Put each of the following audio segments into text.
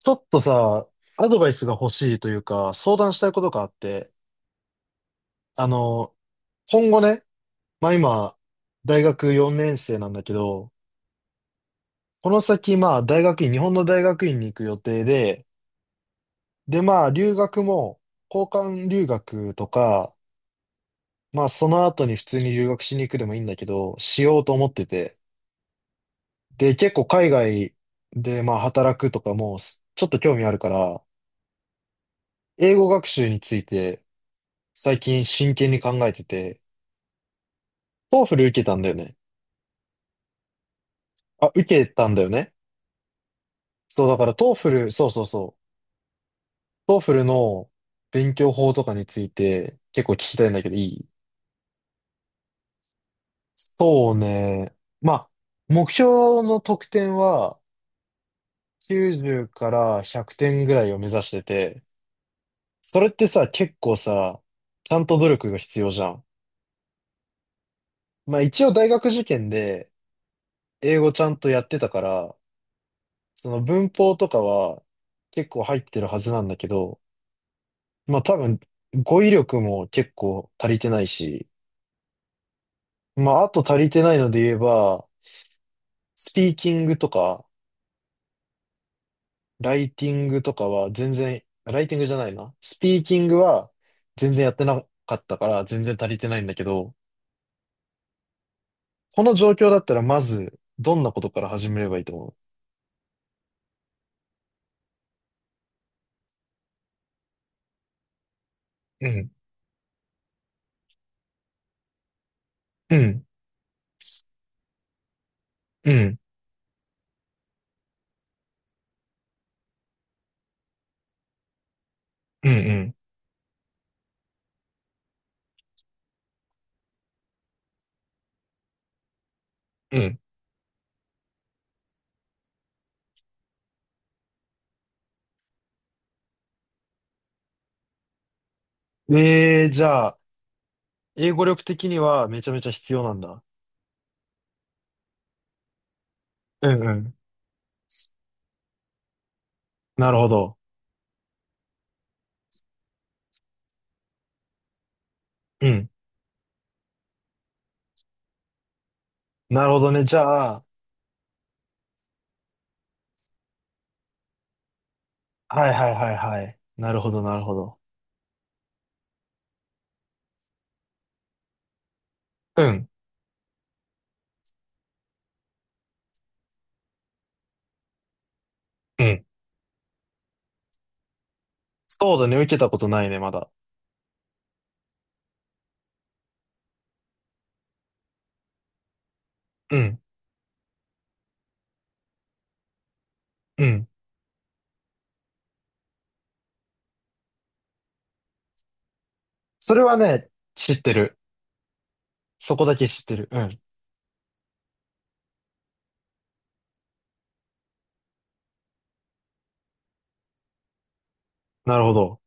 ちょっとさ、アドバイスが欲しいというか、相談したいことがあって、あの、今後ね、まあ今、大学4年生なんだけど、この先、まあ大学院、日本の大学院に行く予定で、でまあ留学も、交換留学とか、まあその後に普通に留学しに行くでもいいんだけど、しようと思ってて。で、結構海外でまあ働くとかも、ちょっと興味あるから、英語学習について最近真剣に考えてて、トーフル受けたんだよね。あ、受けたんだよね。そう、だからトーフル、そうそうそう。トーフルの勉強法とかについて結構聞きたいんだけど、いい？そうね。まあ、目標の得点は90から100点ぐらいを目指してて、それってさ、結構さ、ちゃんと努力が必要じゃん。まあ一応大学受験で英語ちゃんとやってたから、その文法とかは結構入ってるはずなんだけど、まあ多分、語彙力も結構足りてないし、まああと足りてないので言えば、スピーキングとか、ライティングとかは全然、ライティングじゃないな。スピーキングは全然やってなかったから全然足りてないんだけど、この状況だったらまず、どんなことから始めればいいと思う？うん、うん、うん、うん、うん、うん。えー、じゃあ、英語力的にはめちゃめちゃ必要なんだ。うん、うん。なるほど。うん。なるほどね。じゃあ、はいはいはいはい。なるほどなるほど。うん、うん。そうだね、受けたことないね、まだ。うん、うん。それはね、知ってる。そこだけ知ってる。うん。なるほど。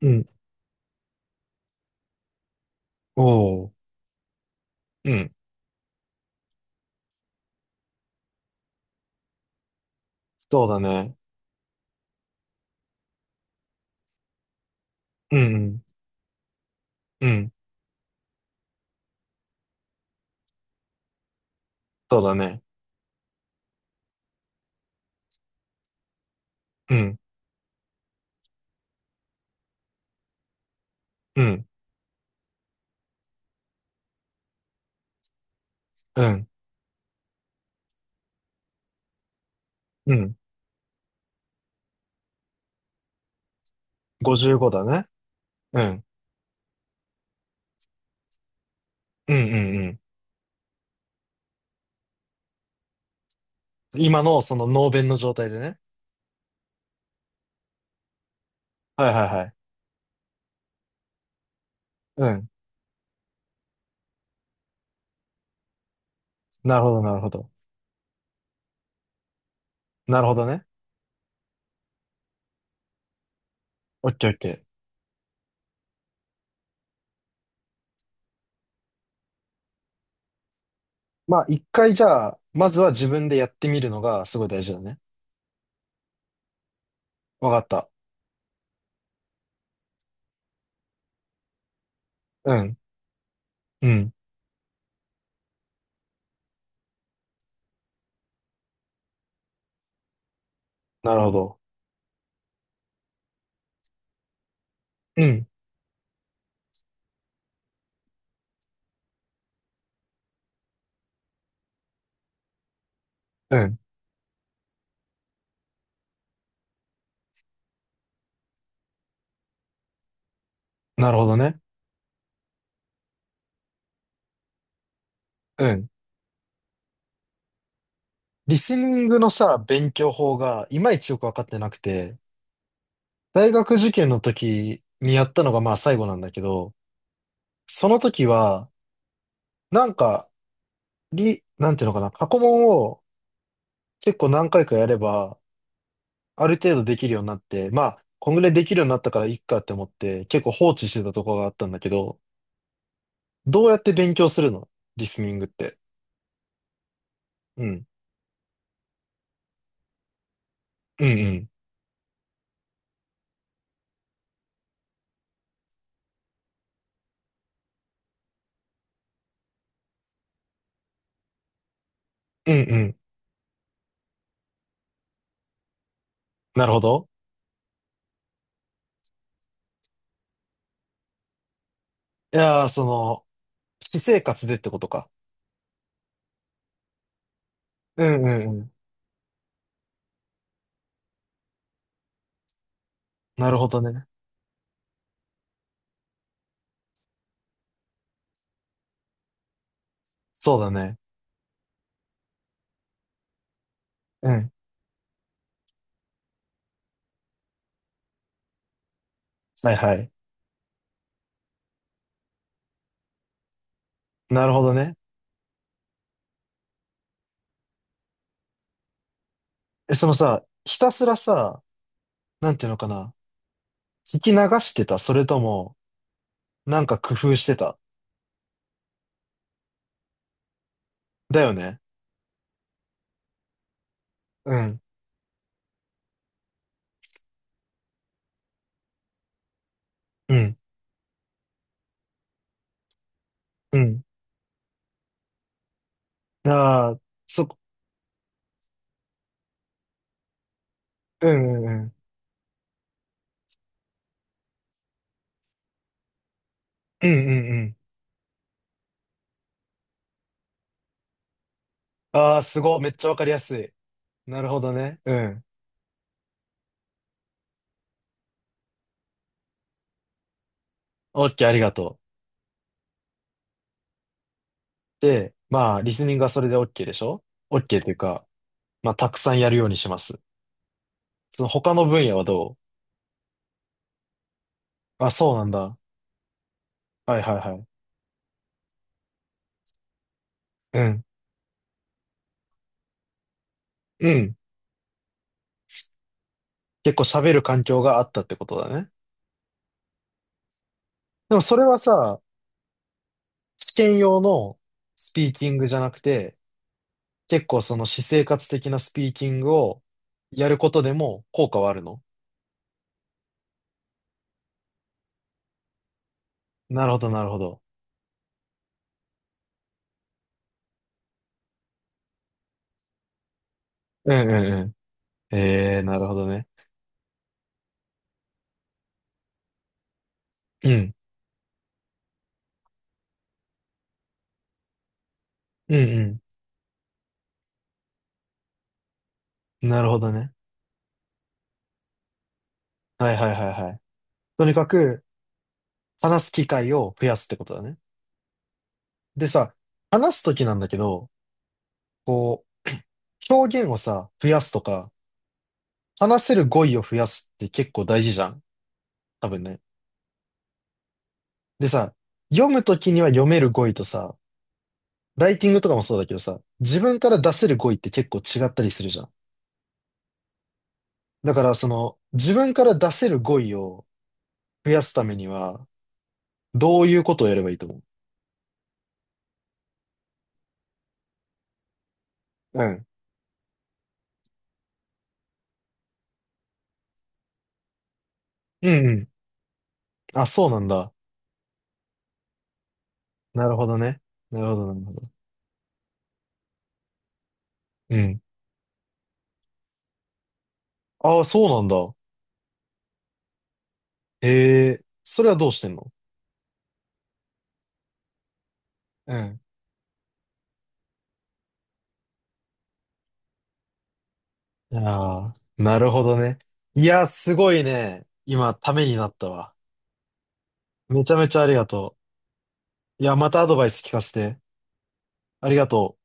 うん。おお。うん。そうだね。うん、うん、うん。そうだね。うん、うん、うん、うん。55だね。うん、うん、うん、うん。今のその脳弁の状態でね。はいはいはい。うん。なるほど、なるほど。なるほどね。オッケーオッケー。まあ、一回じゃあ、まずは自分でやってみるのがすごい大事だね。わかった。うん。うん。なるほど。うん。うん。なるほどね。うん。リスニングのさ、勉強法がいまいちよくわかってなくて、大学受験の時にやったのがまあ最後なんだけど、その時は、なんか、なんていうのかな、過去問を結構何回かやれば、ある程度できるようになって、まあ、こんぐらいできるようになったからいいかって思って、結構放置してたところがあったんだけど、どうやって勉強するの？リスニングって。うん。うんうん。うんうん。なるほど。いやー、その、私生活でってことか。うんうんうん。なるほどね。そうだね。うん。はいはい。なるほどね。え、そのさ、ひたすらさ、なんていうのかな。聞き流してた？それとも、なんか工夫してた？だよね。うん。うん。うん。ああ、そ、うんうんうん。うんうんうん。ああ、すごい。めっちゃわかりやすい。なるほどね。うん。オッケー、ありがとう。で、まあ、リスニングはそれで OK でしょ ?OK というか、まあ、たくさんやるようにします。その他の分野はどう？あ、そうなんだ。はいはいはい。うん。うん。結構喋る環境があったってことだね。でもそれはさ、試験用のスピーキングじゃなくて、結構その私生活的なスピーキングをやることでも効果はあるの？なるほどなるほど。うんうんうん。ええー、なるほどね。うん。うんうん。なるほどね。はいはいはいはい。とにかく、話す機会を増やすってことだね。でさ、話すときなんだけど、こう、表現をさ、増やすとか、話せる語彙を増やすって結構大事じゃん。多分ね。でさ、読むときには読める語彙とさ、ライティングとかもそうだけどさ、自分から出せる語彙って結構違ったりするじゃん。だからその、自分から出せる語彙を増やすためには、どういうことをやればいいと思う？うん。うんうん。あ、そうなんだ。なるほどね。なるほど、なるほど。うん。ああ、そうなんだ。へえ、それはどうしてんの？うん。ああ、なるほどね。いや、すごいね。今、ためになったわ。めちゃめちゃありがとう。いや、またアドバイス聞かせて。ありがとう。